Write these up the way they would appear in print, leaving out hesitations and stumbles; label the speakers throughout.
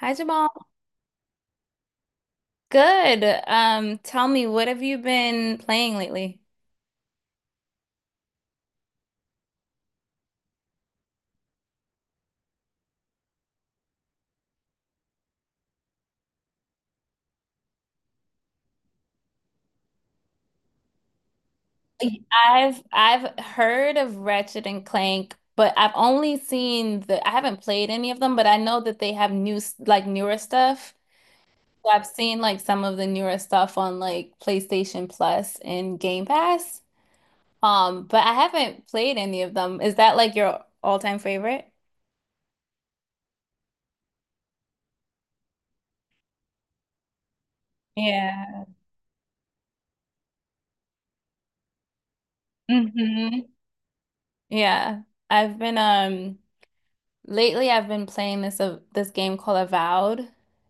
Speaker 1: Hi, Jamal. Good. Tell me, what have you been playing lately? I've heard of Ratchet and Clank, but I've only seen the I haven't played any of them, but I know that they have like newer stuff. So I've seen like some of the newer stuff on like PlayStation Plus and Game Pass. But I haven't played any of them. Is that like your all-time favorite? Yeah. Mm-hmm. Yeah. I've been Lately, I've been playing this game called Avowed.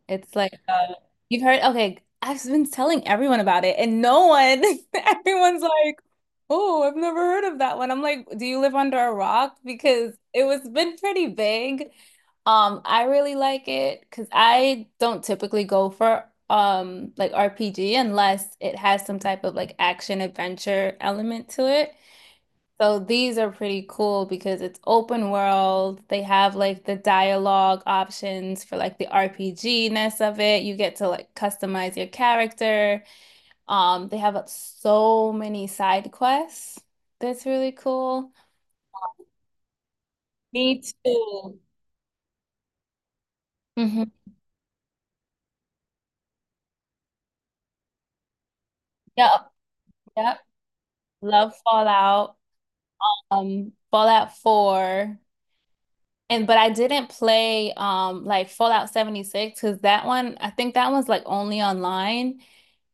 Speaker 1: It's like You've heard. Okay, I've been telling everyone about it, and no one, everyone's like, "Oh, I've never heard of that one." I'm like, "Do you live under a rock?" Because it was been pretty big. I really like it because I don't typically go for like RPG unless it has some type of like action adventure element to it. So these are pretty cool because it's open world. They have like the dialogue options for like the RPG-ness of it. You get to like customize your character. They have so many side quests. That's really cool. Me too. hmm Yep, yep. Love Fallout. Fallout 4. And but I didn't play like Fallout 76 because that one, I think that one's like only online.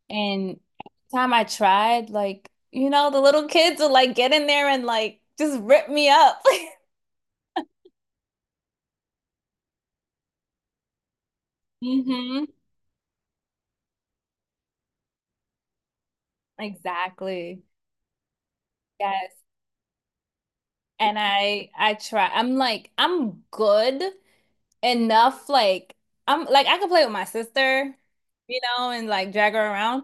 Speaker 1: And time I tried, like, you know, the little kids will like get in there and like just rip me up. hmm Exactly. Yes. And I try. I'm like I'm good enough. Like I'm like I can play with my sister, you know, and like drag her around.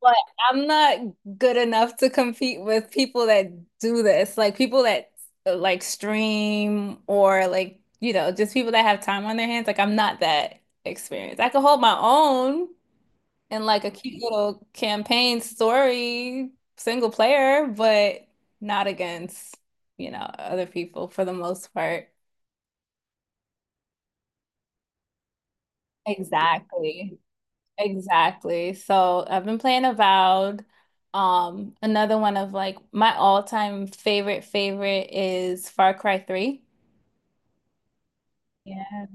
Speaker 1: But I'm not good enough to compete with people that do this. Like people that like stream or like, you know, just people that have time on their hands. Like I'm not that experienced. I can hold my own in like a cute little campaign story, single player, but not against, you know, other people for the most part. Exactly. Exactly. So I've been playing Avowed. Another one of like my all-time favorite is Far Cry 3. Yeah.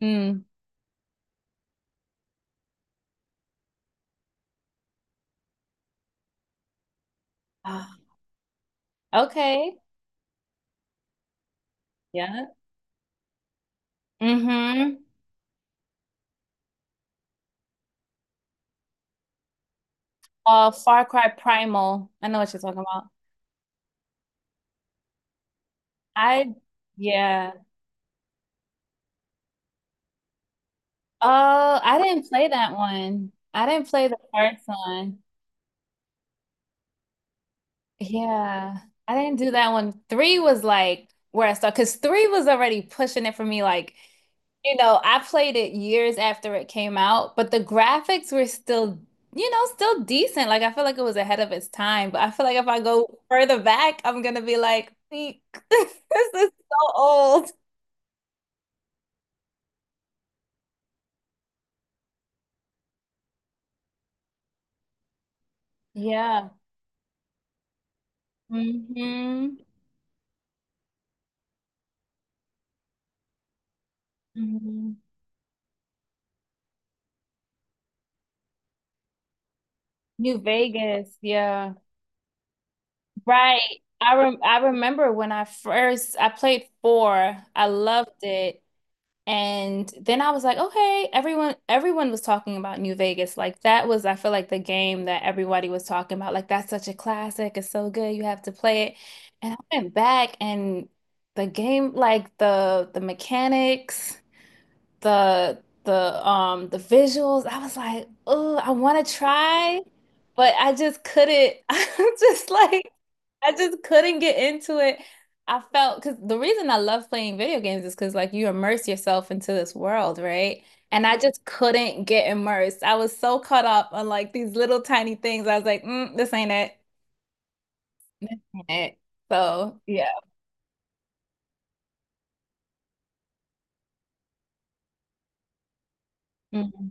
Speaker 1: Mm. Ah, okay. Yeah. Mm-hmm. Far Cry Primal. I know what you're talking about. I, yeah. Oh, I didn't play that one. I didn't play the first one. Yeah, I didn't do that one. Three was like where I started because three was already pushing it for me. Like, you know, I played it years after it came out, but the graphics were still, you know, still decent. Like, I feel like it was ahead of its time, but I feel like if I go further back, I'm gonna be like, "Eek, this is so old." Yeah. hmm hmm New Vegas. Yeah. Right. I remember when I played four. I loved it. And then I was like, okay, everyone was talking about New Vegas. Like that was I feel like the game that everybody was talking about. Like that's such a classic. It's so good. You have to play it. And I went back and the game, like the mechanics, the visuals. I was like, oh, I want to try, but I just couldn't. I just like I just couldn't get into it. I felt because the reason I love playing video games is because like you immerse yourself into this world, right? And I just couldn't get immersed. I was so caught up on like these little tiny things. I was like, this ain't it. This ain't it. So yeah. Mhm.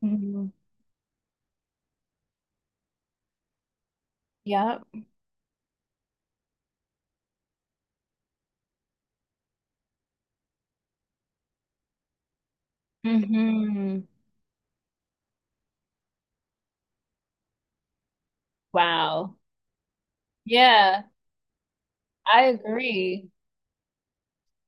Speaker 1: Mhm. Yep. hmm Wow. Yeah. I agree.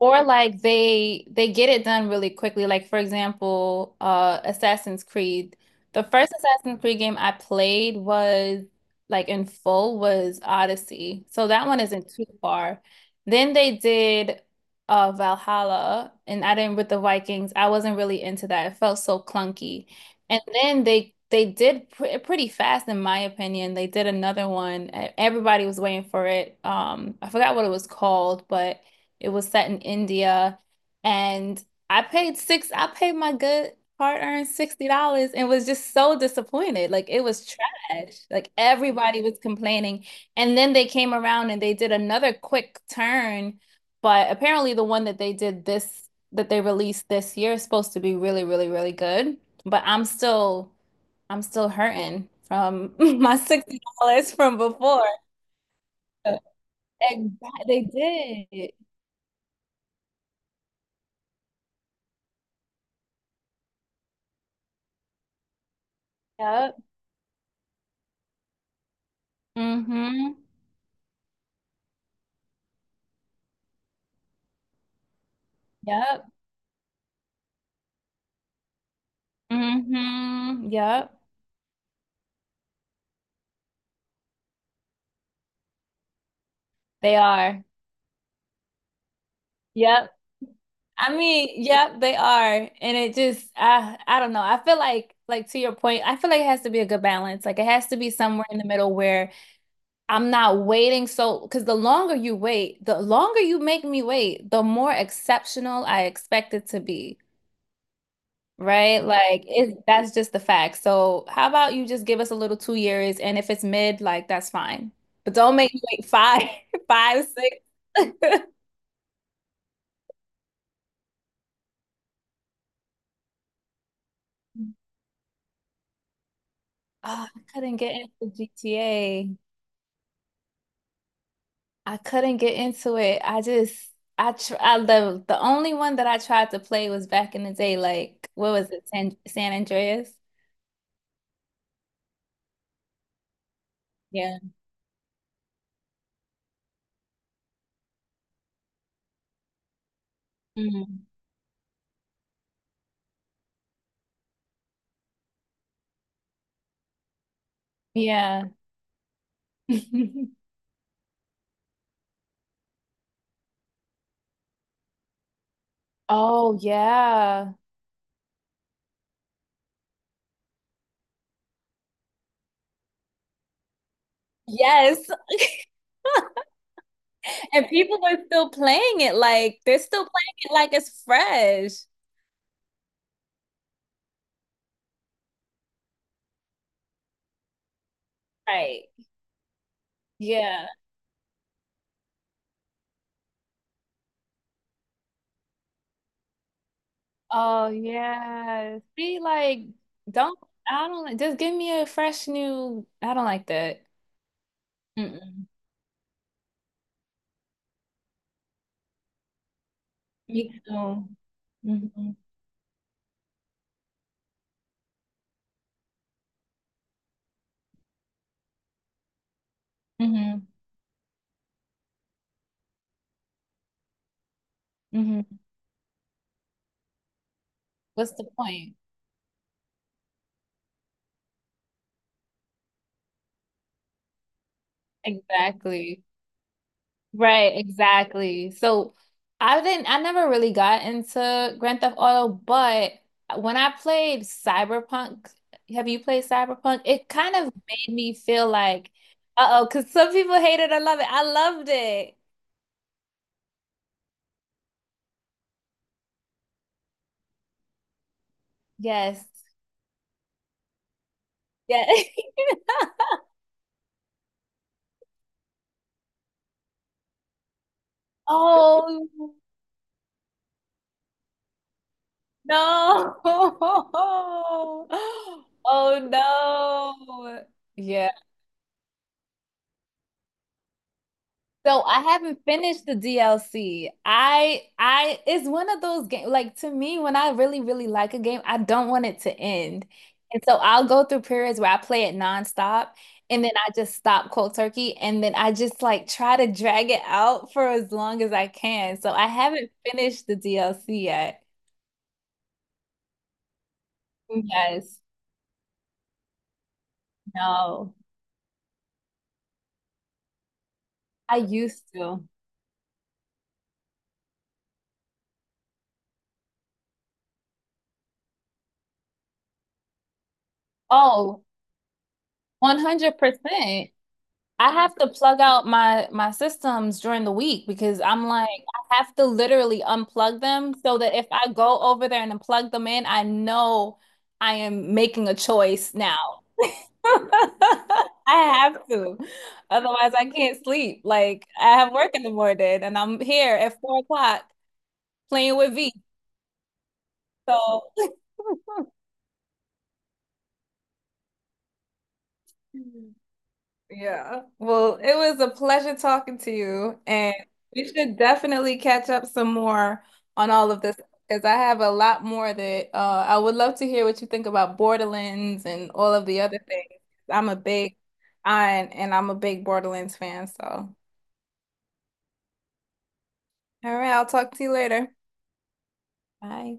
Speaker 1: Or like they get it done really quickly. Like for example, Assassin's Creed. The first Assassin's Creed game I played was like in full was Odyssey. So that one isn't too far. Then they did Valhalla and I didn't with the Vikings. I wasn't really into that. It felt so clunky. And then they did pretty fast in my opinion. They did another one. Everybody was waiting for it. I forgot what it was called, but it was set in India, and I paid six. I paid my good hard-earned $60 and was just so disappointed. Like it was trash. Like everybody was complaining. And then they came around and they did another quick turn, but apparently the one that they released this year is supposed to be really, really, really good. But I'm still hurting from my $60 from before. Exactly. They did. Yep. hmm Yep. Yep. They are. Yep. I mean, yep, they are. And it just I don't know. I feel like to your point, I feel like it has to be a good balance. Like it has to be somewhere in the middle where I'm not waiting so because the longer you wait, the longer you make me wait, the more exceptional I expect it to be. Right? Like it that's just the fact. So how about you just give us a little 2 years and if it's mid, like that's fine. But don't make me wait five, five, six. Oh, I couldn't get into GTA. I couldn't get into it. I The only one that I tried to play was back in the day, like what was it, San Andreas? Yeah. Mm. Yeah. Oh yeah. Yes. And people are still playing it like they're still playing it like it's fresh. Right. Yeah. Oh yeah. Be like, don't I don't like just give me a fresh new I don't like that. Mm-mm. Me too. Mm-hmm. Mm-hmm. Mm-hmm. What's the point? Exactly. Right, exactly. So I never really got into Grand Theft Auto, but when I played Cyberpunk, have you played Cyberpunk? It kind of made me feel like, uh-oh, because some people hate it, I love it. I loved it. Yes. Yeah. Oh no. Oh no. Yeah. So I haven't finished the DLC. I it's one of those games like to me when I really really like a game, I don't want it to end. And so I'll go through periods where I play it nonstop and then I just stop cold turkey and then I just like try to drag it out for as long as I can. So I haven't finished the DLC yet. Yes. No. I used to. Oh, 100%. I have to plug out my systems during the week because I'm like I have to literally unplug them so that if I go over there and plug them in, I know I am making a choice now. I have to. Otherwise, I can't sleep. Like I have work in the morning and I'm here at 4 o'clock playing with V. So Yeah. Well, it was a pleasure talking to you, and we should definitely catch up some more on all of this because I have a lot more that I would love to hear what you think about Borderlands and all of the other things. I'm a big, I And I'm a big Borderlands fan. So, all right, I'll talk to you later. Bye.